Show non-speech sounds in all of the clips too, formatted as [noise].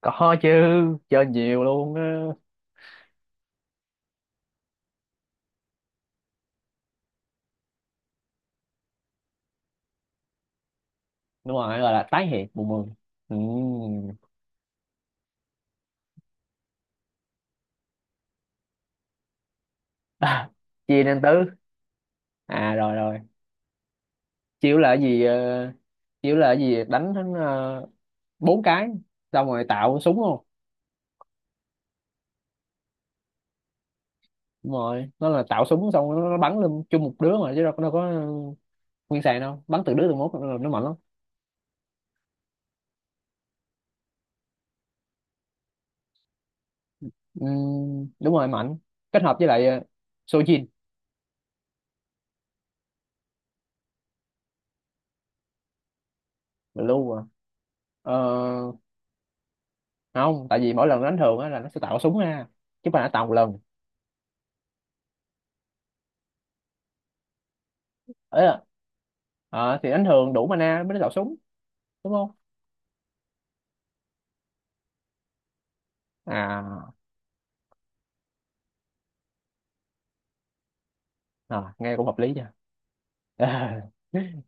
Có chứ, chơi nhiều luôn á. Đúng rồi, gọi là tái hiện mùa mười. ừ. [laughs] à, chia nên tứ. À rồi rồi. Chiếu là cái gì chiếu là cái gì đánh đến bốn cái xong rồi tạo súng không? Đúng rồi, nó là tạo súng xong rồi nó bắn lên chung một đứa mà chứ đâu có nguyên sàn đâu, bắn từ đứa từ mốt là nó mạnh lắm. ừ, Đúng rồi, mạnh. Kết hợp với lại Sojin. Blue à? ờ, Không, tại vì mỗi lần đánh thường á là nó sẽ tạo súng ra chứ không phải là tạo một lần. Ờ, Ờ, thì đánh thường đủ mana mới đánh đạo súng, đúng không? à, À, nghe cũng hợp lý nha. [laughs]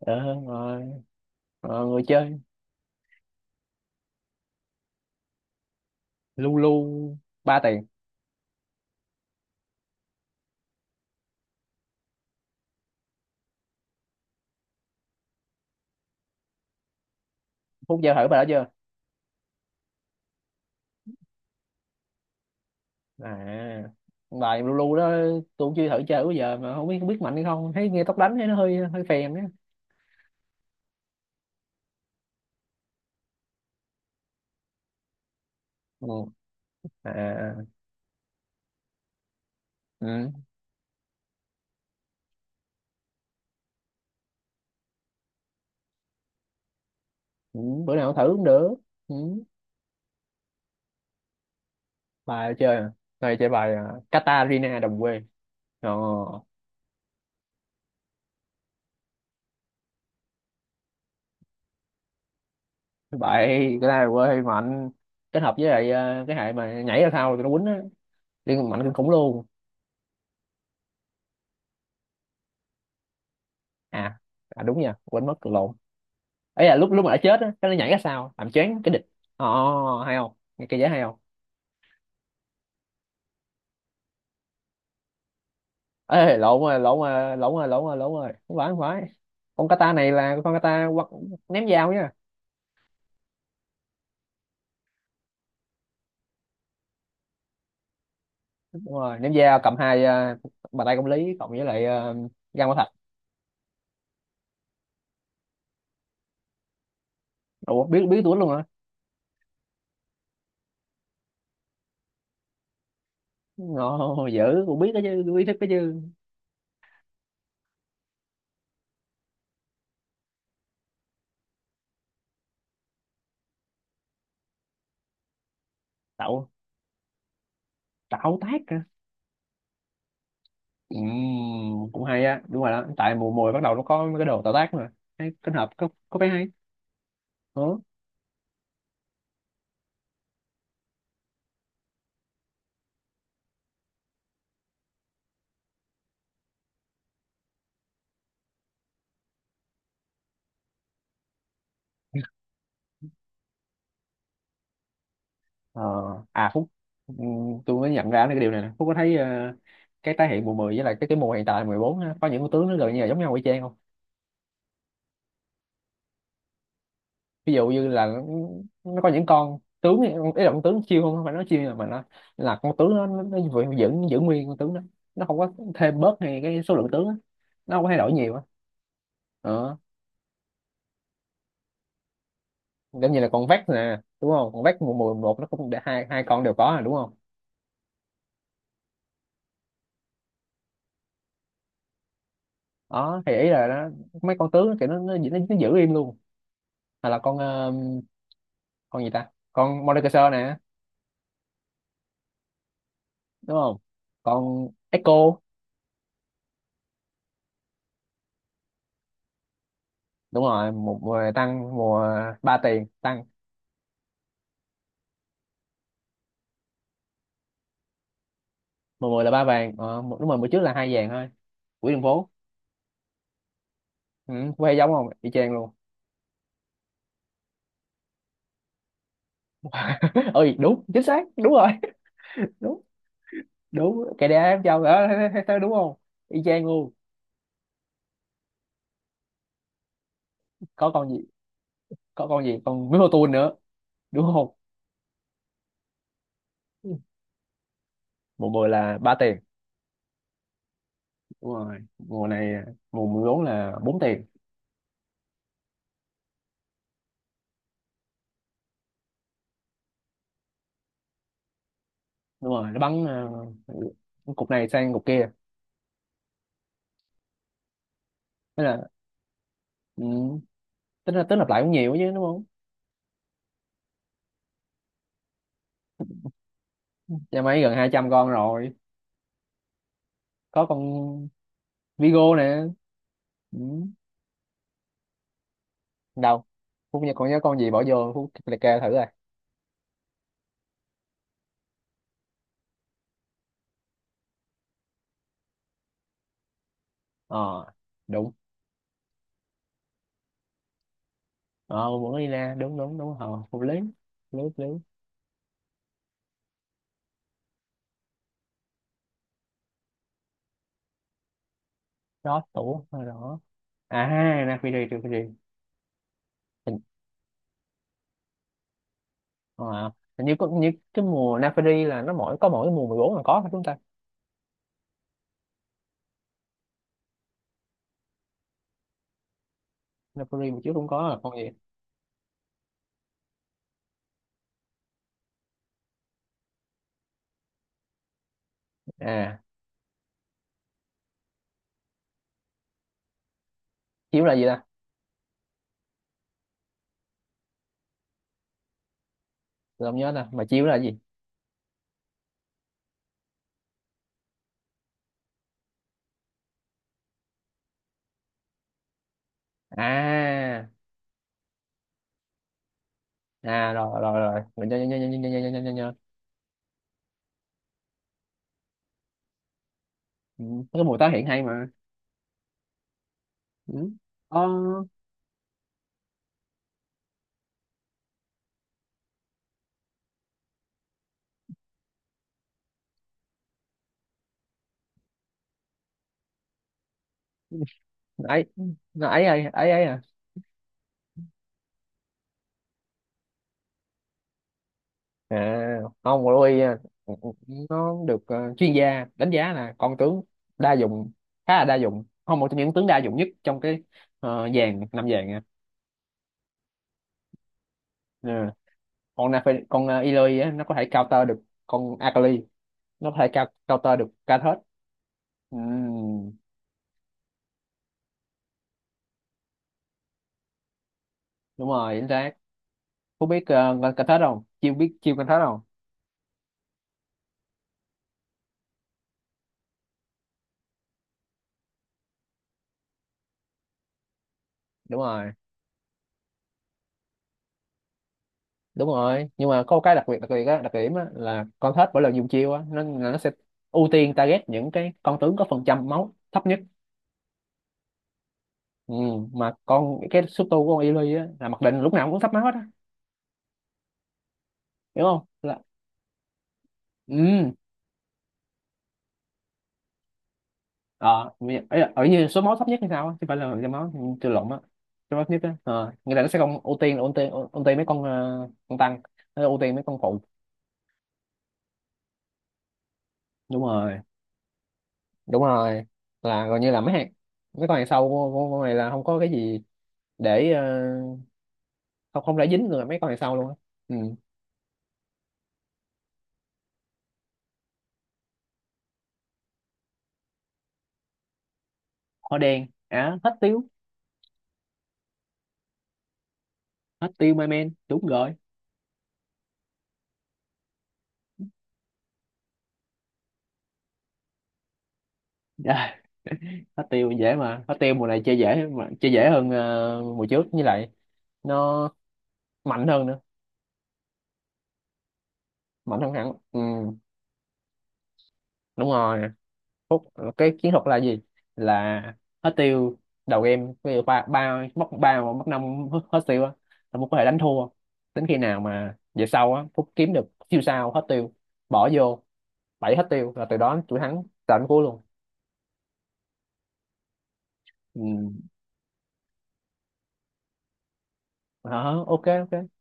Ờ, rồi. Người chơi Lulu ba tiền. Phúc chơi thử bài đó chưa? À, bài Lulu đó tôi cũng chưa thử chơi bao giờ mà không biết, không biết mạnh hay không, thấy nghe tóc đánh thấy nó hơi hơi phèn á. Ừ. À. Ừ. Ừ. Bữa nào thử cũng được. Ừ. Bài chơi à? Đây chơi bài à, Katarina đồng quê. Ờ vậy, cái này quê mạnh, kết hợp với lại cái hệ mà nhảy ra thao thì nó quýnh á, liên mạnh kinh khủng luôn. à, À, đúng nha, quên mất, cười lộn. Ấy là lúc lúc mà đã chết á, cái nó nhảy ra sao làm choáng cái địch. Ồ, hay không, nghe cái dễ hay không. Ê, lộn rồi lộn rồi lộn rồi lộn rồi lộn rồi, không phải, con kata này là con kata quật- ném dao nha. Đúng rồi, ném dao, cầm hai bàn tay công lý cộng với lại găng quả thạch. Ủa, biết biết tuổi luôn hả? Ồ, dữ, cũng biết đó chứ, biết thích đó chứ. Tạo Tạo tác. Cũng hay á, đúng rồi đó, tại mùa mùa bắt đầu nó có mấy cái đồ tạo tác mà, hay kết hợp, có vẻ hay. Ừ. Ờ. À Phúc, tôi mới nhận ra cái điều này nè. Phúc có thấy cái tái hiện mùa 10 với lại cái mùa hiện tại 14 á, có những con tướng nó gần như là giống nhau y chang không? Ví dụ như là nó có những con tướng ấy, ý là con tướng chiêu, không không phải nói chiêu, nhưng mà nó là con tướng nó vẫn- giữ giữ nguyên con tướng đó, nó không có thêm bớt hay cái số lượng tướng á. Nó không có thay đổi nhiều á. Ờ. Giống như là con vét nè, đúng không? Con vét mùa mùa một nó cũng để hai hai con đều có rồi, đúng không? Đó thì ý là nó mấy con tướng thì nó giữ im luôn. Hay là con con gì ta, con Mordekaiser nè, đúng không? Con Echo. Đúng rồi, một mùa tăng, mùa ba tiền tăng. Mùa mười là ba vàng mùa- đúng rồi, mùa trước là hai vàng thôi. Quỹ đường phố. Ừ, quay giống không, y chang luôn. [laughs] Ơi, đúng, chính xác, đúng rồi. [laughs] Đúng. Đúng cái đá em châu đó, thấy [laughs] đúng không? Y chang luôn. Có con gì, có con gì, con Minotaur nữa, đúng không? Mùa 10 là ba tiền. Đúng rồi, mùa này mùa 14 là bốn tiền. Đúng rồi, nó bắn cục này sang cục kia. Thế là, ừ, tính là tính lặp lại cũng nhiều chứ, đúng không? Nhà máy gần 200 con rồi. Có con Vigo nè. Ừ. Đâu, Phúc nhớ con, nhớ con gì bỏ vô Phúc liệt kê thử rồi. Ờ đúng. Ờ vẫn đi ra, đúng đúng đúng ờ Phúc lý, lý. Đó tủ rồi đó. À ha, Nafiri, trừ Fiji. Ờ, hình như có như cái mùa Napari là nó mỗi có, mỗi mùa 14 là có hả chúng ta? Napari mà chiếu cũng có là con gì? À, chiếu là gì ta? Tôi không nhớ ta, mà chiếu là gì? À à rồi rồi rồi mình nhớ nhớ nhớ nhớ nhớ nhớ nhớ nhớ nhớ. Ừ, cái mùa tái hiện hay mà. Ừ. Ờ, ấy nó ấy ấy ấy ấy à. À không, Louis nó được chuyên gia đánh giá là con tướng đa dụng, khá là đa dụng, không một trong những tướng đa dụng nhất trong cái dàn năm dàn nha. Ừ. Con Nafe, con Eloy á nó có thể counter được con Akali, nó có thể cou- counter được Karthus. Ừm. Đúng rồi, chính xác. Phú biết con Karthus không? Chiêu, biết chiêu con Karthus không? Đúng rồi đúng rồi, nhưng mà có một cái đặc biệt á, đặc điểm á là con Karthus mỗi lần dùng chiêu á, nó là nó sẽ ưu tiên target những cái con tướng có phần trăm máu thấp nhất. Mà con cái số tu của con Eloy á là mặc định lúc nào cũng thấp máu hết á, hiểu không? Là ừ. Ờ mi- ấy là- ở như số máu thấp nhất hay sao á, chứ không phải là cái máu, chưa, lộn á. Số máu thấp nhất á, ờ, người ta nó sẽ không ưu tiên, là ưu tiên mấy con con tăng, nó ưu tiên mấy con phụ. Đúng rồi đúng rồi, là gần như là mấy hàng, mấy con hàng sau của con này là không có cái gì để không không để dính người mấy con hàng sau luôn á. Ừ. Hoa đen à, hết tiêu. Hết tiêu my man, đúng rồi. [laughs] Dạ, hết tiêu dễ mà, hết tiêu mùa này chơi dễ mà, chơi dễ hơn mùa trước như lại nó mạnh hơn nữa. Mạnh hơn hẳn. Ừ. Đúng rồi. Phút, cái chiến thuật là gì? Là hết tiêu. Đầu game ví dụ ba ba mất ba hoặc mất năm hết tiêu á là Phúc có thể đánh thua. Đến khi nào mà về sau á, Phúc kiếm được siêu sao hết tiêu bỏ vô, bảy hết tiêu là từ đó chuỗi thắng tận cuối luôn. Ừ. Hả? Ok ok.